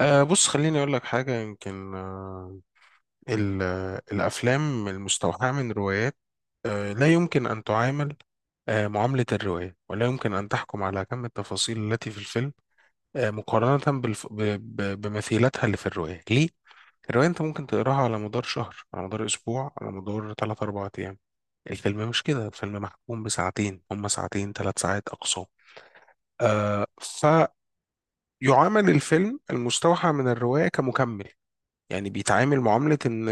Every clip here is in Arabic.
بص، خليني أقول لك حاجة. يمكن أه ال- آه، الأفلام المستوحاة من روايات لا يمكن أن تعامل معاملة الرواية، ولا يمكن أن تحكم على كم التفاصيل التي في الفيلم مقارنة بمثيلتها اللي في الرواية. ليه؟ الرواية أنت ممكن تقراها على مدار شهر، على مدار أسبوع، على مدار 3 4 أيام. الفيلم مش كده، الفيلم محكوم بساعتين، هما ساعتين ثلاث ساعات أقصى. آه فيعامل الفيلم المستوحى من الرواية كمكمل، يعني بيتعامل معاملة إن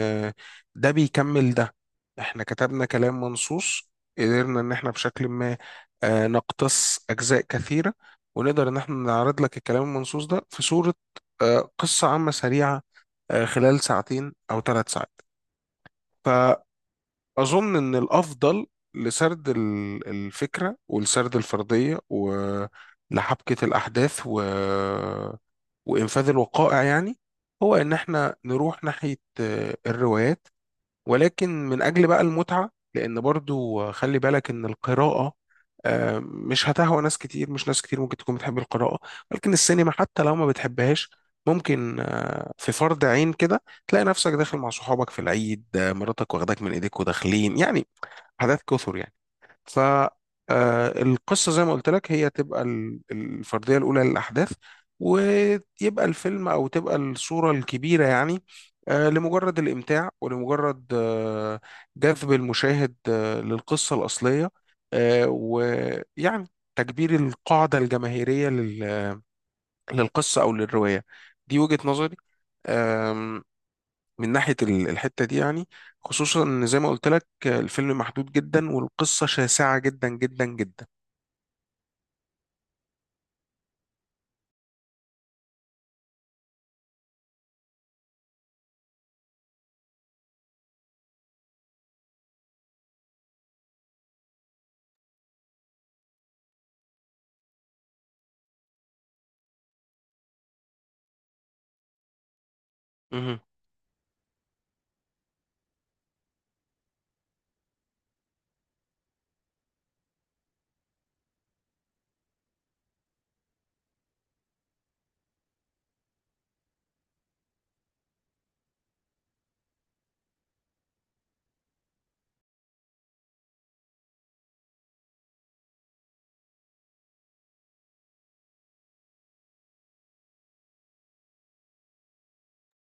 ده بيكمل ده. إحنا كتبنا كلام منصوص، قدرنا إن إحنا بشكل ما نقتص أجزاء كثيرة، ونقدر إن إحنا نعرض لك الكلام المنصوص ده في صورة قصة عامة سريعة، خلال ساعتين أو ثلاث ساعات. أظن إن الأفضل لسرد الفكرة، ولسرد الفرضية، ولحبكة الأحداث وإنفاذ الوقائع يعني، هو إن إحنا نروح ناحية الروايات. ولكن من أجل بقى المتعة، لأن برضو خلي بالك إن القراءة مش هتهوى ناس كتير، مش ناس كتير ممكن تكون بتحب القراءة. ولكن السينما حتى لو ما بتحبهاش، ممكن في فرض عين كده تلاقي نفسك داخل مع صحابك في العيد، مراتك واخداك من ايديك وداخلين يعني، حاجات كثر يعني. ف آه، القصة زي ما قلت لك هي تبقى الفردية الأولى للأحداث، ويبقى الفيلم أو تبقى الصورة الكبيرة يعني، لمجرد الإمتاع ولمجرد جذب المشاهد للقصة الأصلية، ويعني تكبير القاعدة الجماهيرية للقصة أو للرواية. دي وجهة نظري آم، من ناحية الحتة دي يعني، خصوصا إن زي ما قلت لك الفيلم محدود جدا والقصة شاسعة جدا جدا جدا. مهم.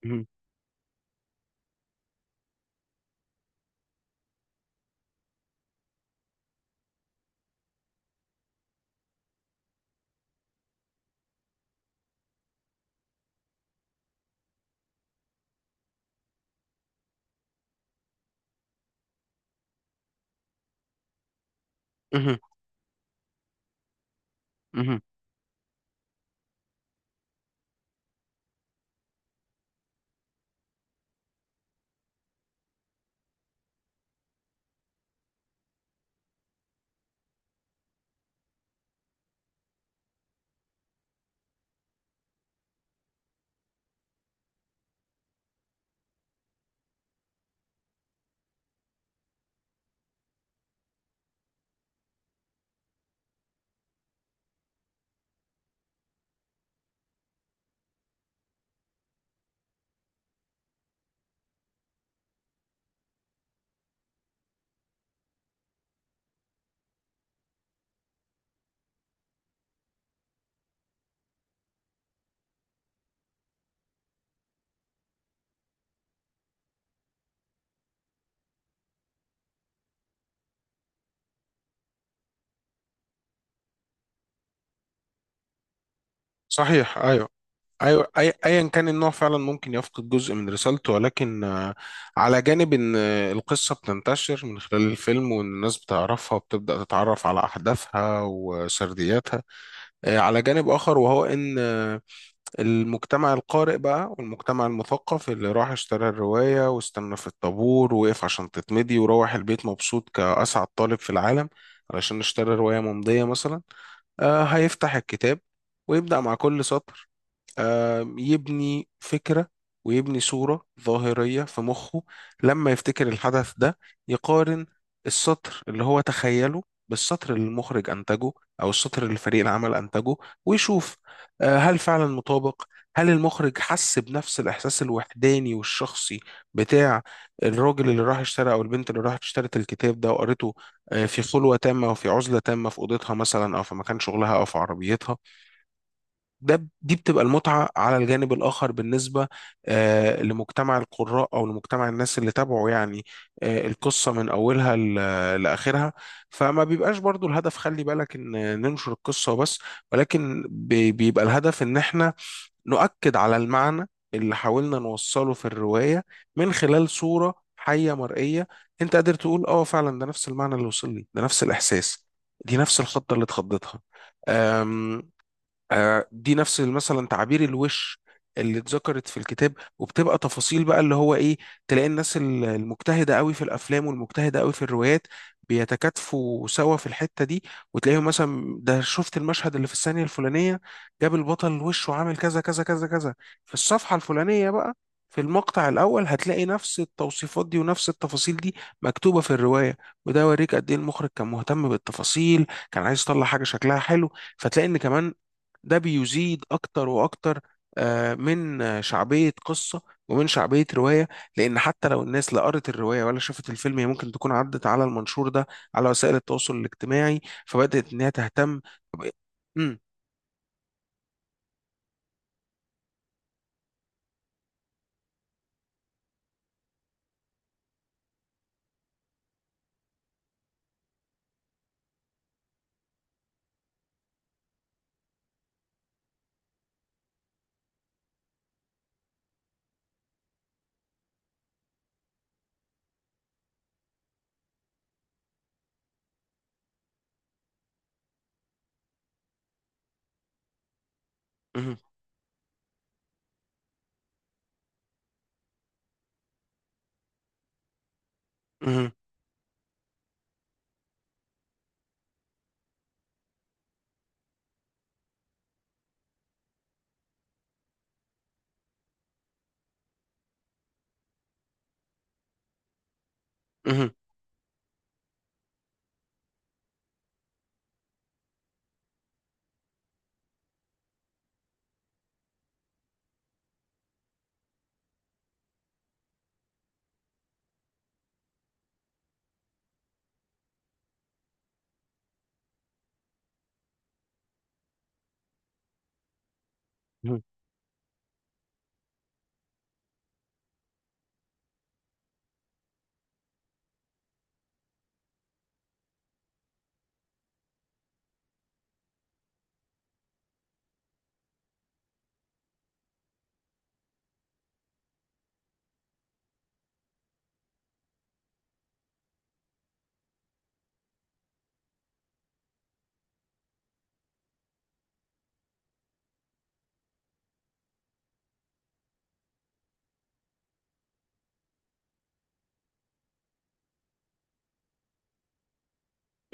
مهم. مهم. مهم. صحيح، ايوه. ايوه، ايا كان النوع فعلا ممكن يفقد جزء من رسالته، ولكن على جانب ان القصه بتنتشر من خلال الفيلم، وان الناس بتعرفها وبتبدا تتعرف على احداثها وسردياتها، على جانب اخر وهو ان المجتمع القارئ بقى والمجتمع المثقف اللي راح اشترى الروايه واستنى في الطابور ووقف عشان تتمضي وروح البيت مبسوط كاسعد طالب في العالم، علشان اشترى روايه ممضيه مثلا. هيفتح الكتاب ويبدأ مع كل سطر، يبني فكرة ويبني صورة ظاهرية في مخه. لما يفتكر الحدث ده، يقارن السطر اللي هو تخيله بالسطر اللي المخرج أنتجه، أو السطر اللي فريق العمل أنتجه، ويشوف هل فعلا مطابق، هل المخرج حس بنفس الإحساس الوحداني والشخصي بتاع الراجل اللي راح اشترى أو البنت اللي راحت اشترت الكتاب ده وقرته في خلوة تامة وفي عزلة تامة، في أوضتها مثلا أو في مكان شغلها أو في عربيتها. ده، دي بتبقى المتعة على الجانب الآخر، بالنسبة لمجتمع القراء أو لمجتمع الناس اللي تابعوا يعني، القصة من أولها لآخرها. فما بيبقاش برضو الهدف، خلي بالك إن، ننشر القصة وبس، ولكن بيبقى الهدف إن إحنا نؤكد على المعنى اللي حاولنا نوصله في الرواية من خلال صورة حية مرئية. أنت قادر تقول: آه فعلا، ده نفس المعنى اللي وصل لي، ده نفس الإحساس، دي نفس الخطة اللي اتخضتها، دي نفس مثلا تعابير الوش اللي اتذكرت في الكتاب. وبتبقى تفاصيل بقى اللي هو ايه. تلاقي الناس المجتهدة قوي في الافلام والمجتهدة قوي في الروايات بيتكاتفوا سوا في الحتة دي، وتلاقيهم مثلا: ده شفت المشهد اللي في الثانية الفلانية، جاب البطل وشه عامل كذا كذا كذا كذا. في الصفحة الفلانية بقى، في المقطع الأول هتلاقي نفس التوصيفات دي ونفس التفاصيل دي مكتوبة في الرواية. وده يوريك قد إيه المخرج كان مهتم بالتفاصيل، كان عايز يطلع حاجة شكلها حلو. فتلاقي ان كمان ده بيزيد أكتر وأكتر من شعبية قصة ومن شعبية رواية. لأن حتى لو الناس لا قرت الرواية ولا شافت الفيلم، هي ممكن تكون عدت على المنشور ده على وسائل التواصل الاجتماعي، فبدأت إنها تهتم. طب مم. مهم. مهم. مهم.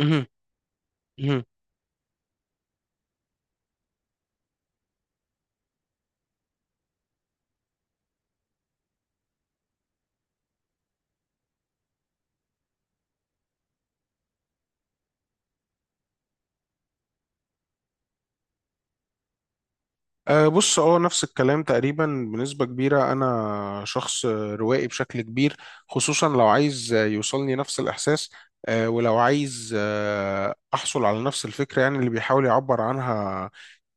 مهم. مهم. بص، نفس الكلام تقريبا بنسبة كبيرة. أنا شخص روائي بشكل كبير، خصوصا لو عايز يوصلني نفس الإحساس. ولو عايز أحصل على نفس الفكرة يعني، اللي بيحاول يعبر عنها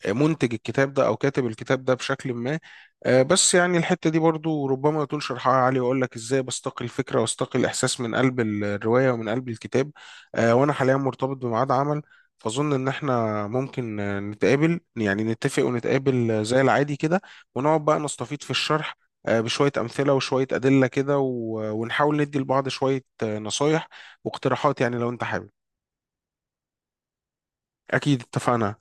منتج الكتاب ده او كاتب الكتاب ده بشكل ما. بس يعني الحته دي برضو ربما يطول شرحها علي، واقول لك ازاي بستقي الفكره واستقي الاحساس من قلب الروايه ومن قلب الكتاب. وانا حاليا مرتبط بميعاد عمل، فاظن ان احنا ممكن نتقابل يعني، نتفق ونتقابل زي العادي كده، ونقعد بقى نستفيض في الشرح بشويه امثله وشويه ادله كده. ونحاول ندي لبعض شويه نصايح واقتراحات، يعني لو انت حابب. اكيد اتفقنا.